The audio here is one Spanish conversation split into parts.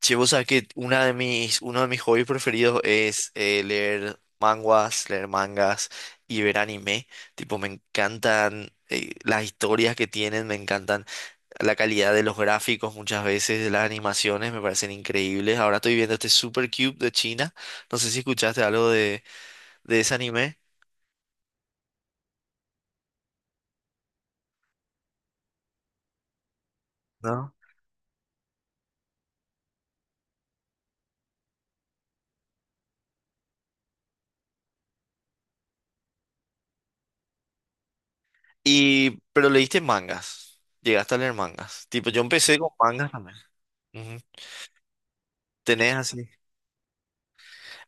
Che, vos sabés que uno de mis hobbies preferidos es leer mangas y ver anime. Tipo, me encantan las historias que tienen, me encantan la calidad de los gráficos muchas veces, de las animaciones, me parecen increíbles. Ahora estoy viendo este Super Cube de China. No sé si escuchaste algo de ese anime, ¿no? Y, pero leíste mangas. Llegaste a leer mangas. Tipo, yo empecé con mangas también. Ujú. ¿Tenés así?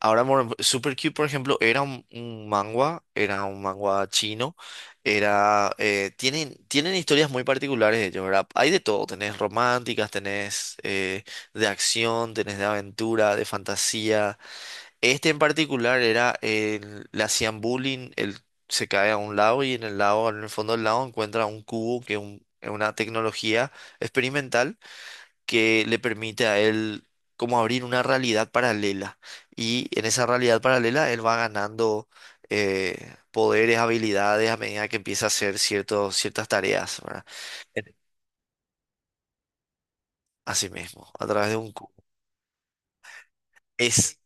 Ahora, bueno, Super Cube, por ejemplo, era un manga, chino, tienen historias muy particulares de ellos, ¿verdad? Hay de todo, tenés románticas, tenés de acción, tenés de aventura, de fantasía. Este en particular le hacían bullying, él se cae a un lado y en el lado, en el fondo del lado encuentra un cubo que es una tecnología experimental que le permite a él como abrir una realidad paralela. Y en esa realidad paralela él va ganando poderes, habilidades a medida que empieza a hacer ciertas tareas, ¿verdad? En- Así mismo, a través de un cubo. Es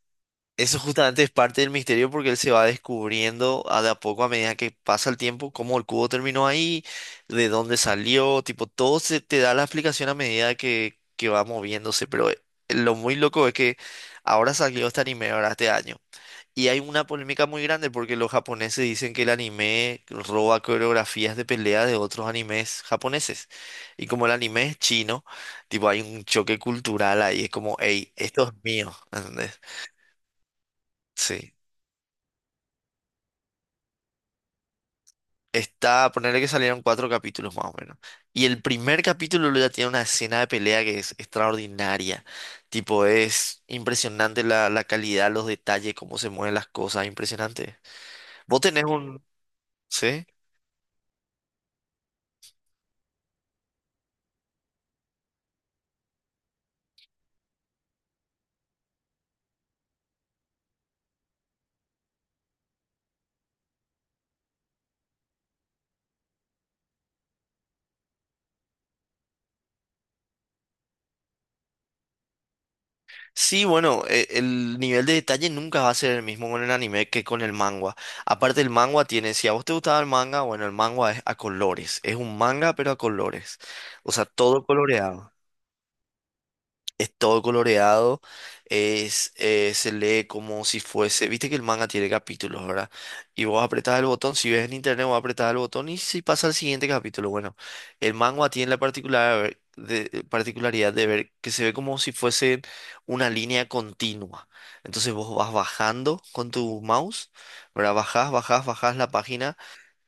Eso justamente es parte del misterio porque él se va descubriendo a de a poco a medida que pasa el tiempo cómo el cubo terminó ahí, de dónde salió, tipo, todo se te da la explicación a medida que va moviéndose, pero lo muy loco es que ahora salió este anime ahora este año. Y hay una polémica muy grande porque los japoneses dicen que el anime roba coreografías de pelea de otros animes japoneses. Y como el anime es chino, tipo hay un choque cultural ahí, es como, hey, esto es mío, ¿entendés? Sí. Está, ponerle que salieron cuatro capítulos más o menos. Y el primer capítulo luego ya tiene una escena de pelea que es extraordinaria. Tipo, es impresionante la calidad, los detalles, cómo se mueven las cosas, impresionante. Vos tenés un... ¿Sí? Sí, bueno, el nivel de detalle nunca va a ser el mismo con el anime que con el manga. Aparte el manga tiene, si a vos te gustaba el manga, bueno, el manga es a colores. Es un manga pero a colores. O sea, todo coloreado. Es todo coloreado, se lee como si fuese, viste que el manga tiene capítulos, ¿verdad? Y vos apretás el botón, si ves en internet vos apretás el botón y si pasa al siguiente capítulo, bueno, el manga tiene la particularidad de ver que se ve como si fuese una línea continua. Entonces vos vas bajando con tu mouse, ¿verdad? Bajás, bajás, bajás la página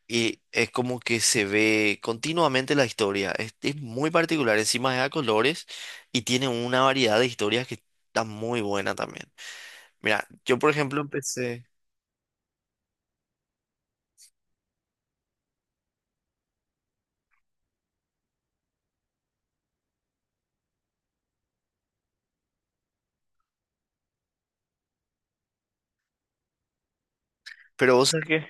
y es como que se ve continuamente la historia. Es muy particular. Encima es a colores y tiene una variedad de historias que está muy buena también. Mira, yo por ejemplo empecé. Pero vos sabés que.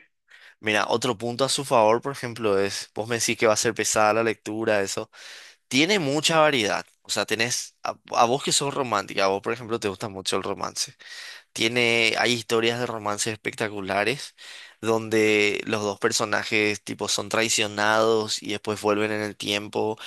Mira, otro punto a su favor, por ejemplo, es. Vos me decís que va a ser pesada la lectura, eso. Tiene mucha variedad. O sea, tenés. A vos que sos romántica, a vos por ejemplo te gusta mucho el romance. Hay historias de romances espectaculares donde los dos personajes tipo son traicionados y después vuelven en el tiempo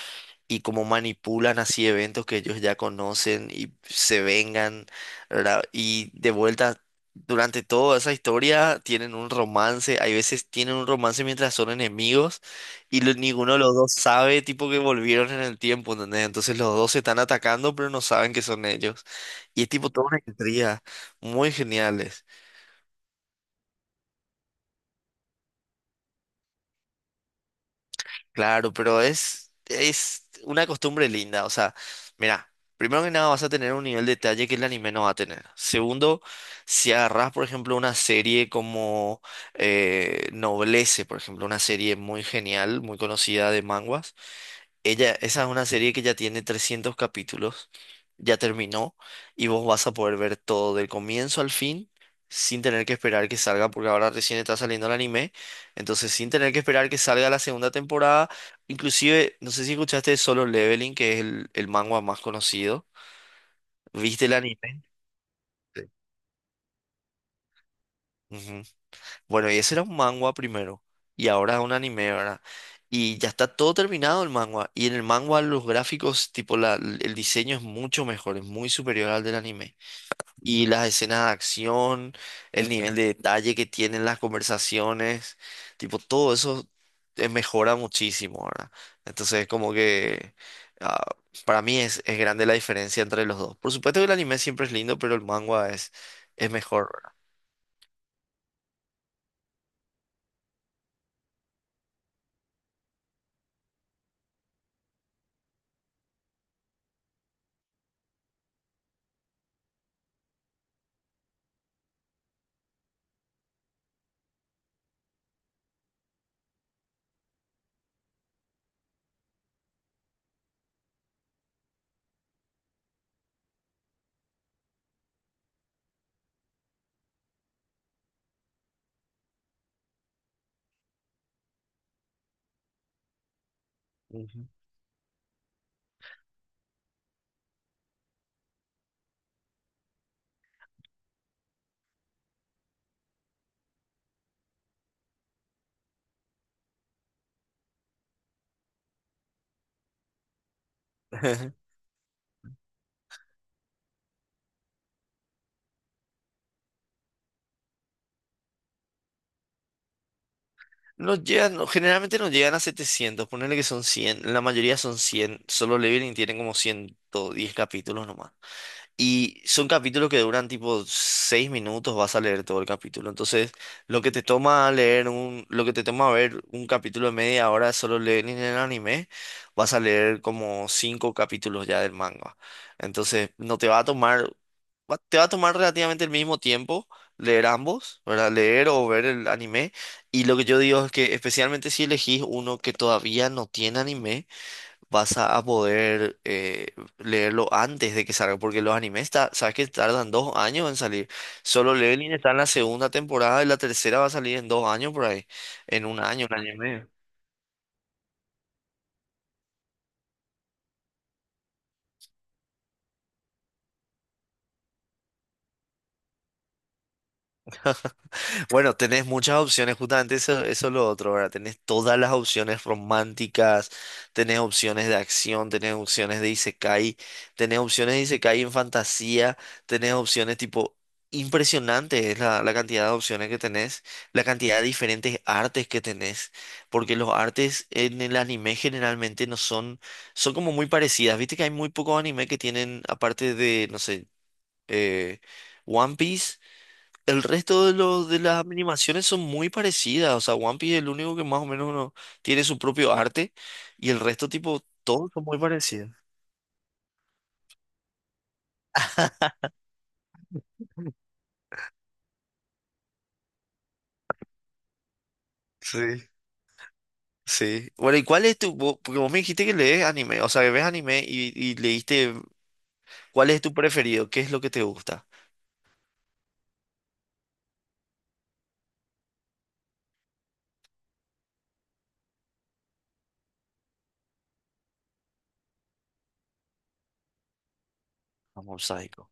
y cómo manipulan así eventos que ellos ya conocen y se vengan, ¿verdad? Y de vuelta, durante toda esa historia tienen un romance, hay veces tienen un romance mientras son enemigos y ninguno de los dos sabe, tipo que volvieron en el tiempo, ¿entendés? Entonces los dos se están atacando pero no saben que son ellos. Y es tipo toda una intriga, muy geniales. Claro, pero es una costumbre linda. O sea, mira, primero que nada vas a tener un nivel de detalle que el anime no va a tener. Segundo, si agarras, por ejemplo, una serie como Noblesse, por ejemplo, una serie muy genial, muy conocida de manguas. Ella, esa es una serie que ya tiene 300 capítulos, ya terminó y vos vas a poder ver todo del comienzo al fin sin tener que esperar que salga, porque ahora recién está saliendo el anime, entonces sin tener que esperar que salga la segunda temporada, inclusive, no sé si escuchaste de Solo Leveling, que es el manga más conocido, ¿viste el anime? Sí. Ujú. Bueno, y ese era un manga primero, y ahora es un anime, ¿verdad? Y ya está todo terminado el manga, y en el manga los gráficos, tipo el diseño es mucho mejor, es muy superior al del anime. Y las escenas de acción, el nivel de detalle que tienen las conversaciones, tipo todo eso mejora muchísimo, ¿verdad? Entonces, como que ah, para mí es grande la diferencia entre los dos. Por supuesto que el anime siempre es lindo, pero el manga es mejor, ¿verdad? Ujú. No, generalmente nos llegan a 700, ponerle que son 100, la mayoría son 100. Solo Leveling tienen como 110 capítulos nomás. Y son capítulos que duran tipo 6 minutos, vas a leer todo el capítulo. Entonces, lo que te toma ver un capítulo de media hora de Solo Leveling en el anime, vas a leer como 5 capítulos ya del manga. Entonces, no te va a tomar, te va a tomar relativamente el mismo tiempo leer ambos, ¿verdad? Leer o ver el anime. Y lo que yo digo es que especialmente si elegís uno que todavía no tiene anime, vas a poder leerlo antes de que salga, porque los animes, sabes que tardan 2 años en salir. Solo Leveling está en la segunda temporada y la tercera va a salir en 2 años por ahí, en un año y medio. Bueno, tenés muchas opciones, justamente eso, eso es lo otro, ¿verdad? Tenés todas las opciones románticas, tenés opciones de acción, tenés opciones de isekai, tenés opciones de isekai en fantasía, tenés opciones tipo... Impresionante es la cantidad de opciones que tenés, la cantidad de diferentes artes que tenés, porque los artes en el anime generalmente no son, son como muy parecidas. Viste que hay muy pocos anime que tienen, aparte de, no sé, eh, One Piece. El resto de, los de las animaciones son muy parecidas. O sea, One Piece es el único que más o menos uno tiene su propio arte. Y el resto, tipo, todos son muy parecidos. Sí, sí. Bueno, ¿y cuál es tu...? Porque vos me dijiste que lees anime. O sea, que ves anime y leíste... ¿Cuál es tu preferido? ¿Qué es lo que te gusta? Mob Psycho.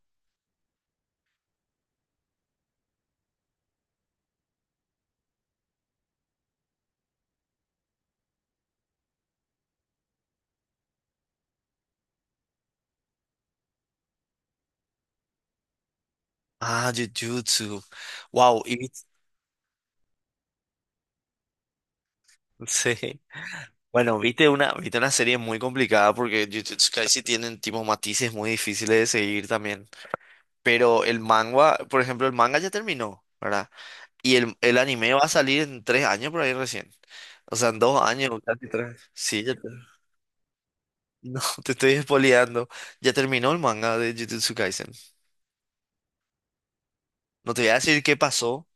Ah, Jujutsu. Wow. Y, sí. Bueno, viste una serie muy complicada porque Jujutsu Kaisen tienen tipo matices muy difíciles de seguir también. Pero el manga, por ejemplo, el manga ya terminó, ¿verdad? Y el anime va a salir en 3 años por ahí recién. O sea, en 2 años, casi tres. Sí, ya te... No, te estoy espoleando. Ya terminó el manga de Jujutsu Kaisen. No te voy a decir qué pasó,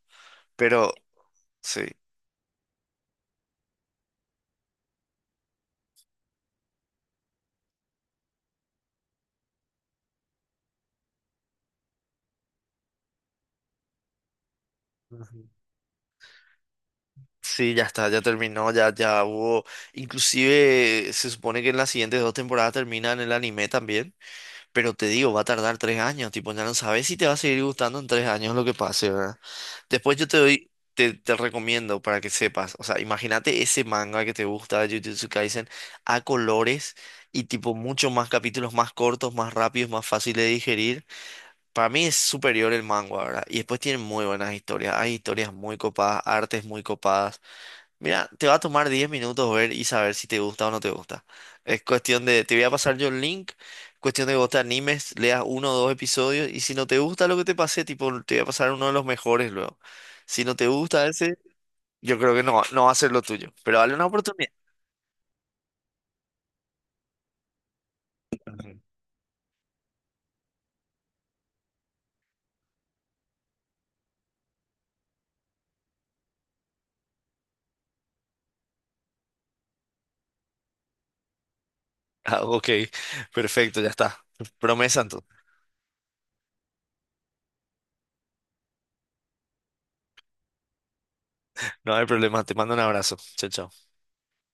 pero sí. Ujú. Sí, ya está, ya terminó, ya hubo. Inclusive se supone que en las siguientes dos temporadas terminan el anime también, pero te digo, va a tardar 3 años, tipo, ya no sabes si te va a seguir gustando en 3 años lo que pase, ¿verdad? Después yo te recomiendo para que sepas, o sea, imagínate ese manga que te gusta de Jujutsu Kaisen a colores y tipo mucho más capítulos más cortos, más rápidos, más fácil de digerir. Para mí es superior el manga, ¿verdad? Y después tienen muy buenas historias, hay historias muy copadas, artes muy copadas. Mira, te va a tomar 10 minutos ver y saber si te gusta o no te gusta. Es cuestión de, te voy a pasar yo el link, cuestión de que vos te animes, leas uno o dos episodios y si no te gusta lo que te pasé, tipo, te voy a pasar uno de los mejores luego. Si no te gusta ese, yo creo que no, no va a ser lo tuyo, pero dale una oportunidad. Ah, ok, perfecto, ya está. Promesa entonces. No hay problema, te mando un abrazo. Chao, chao.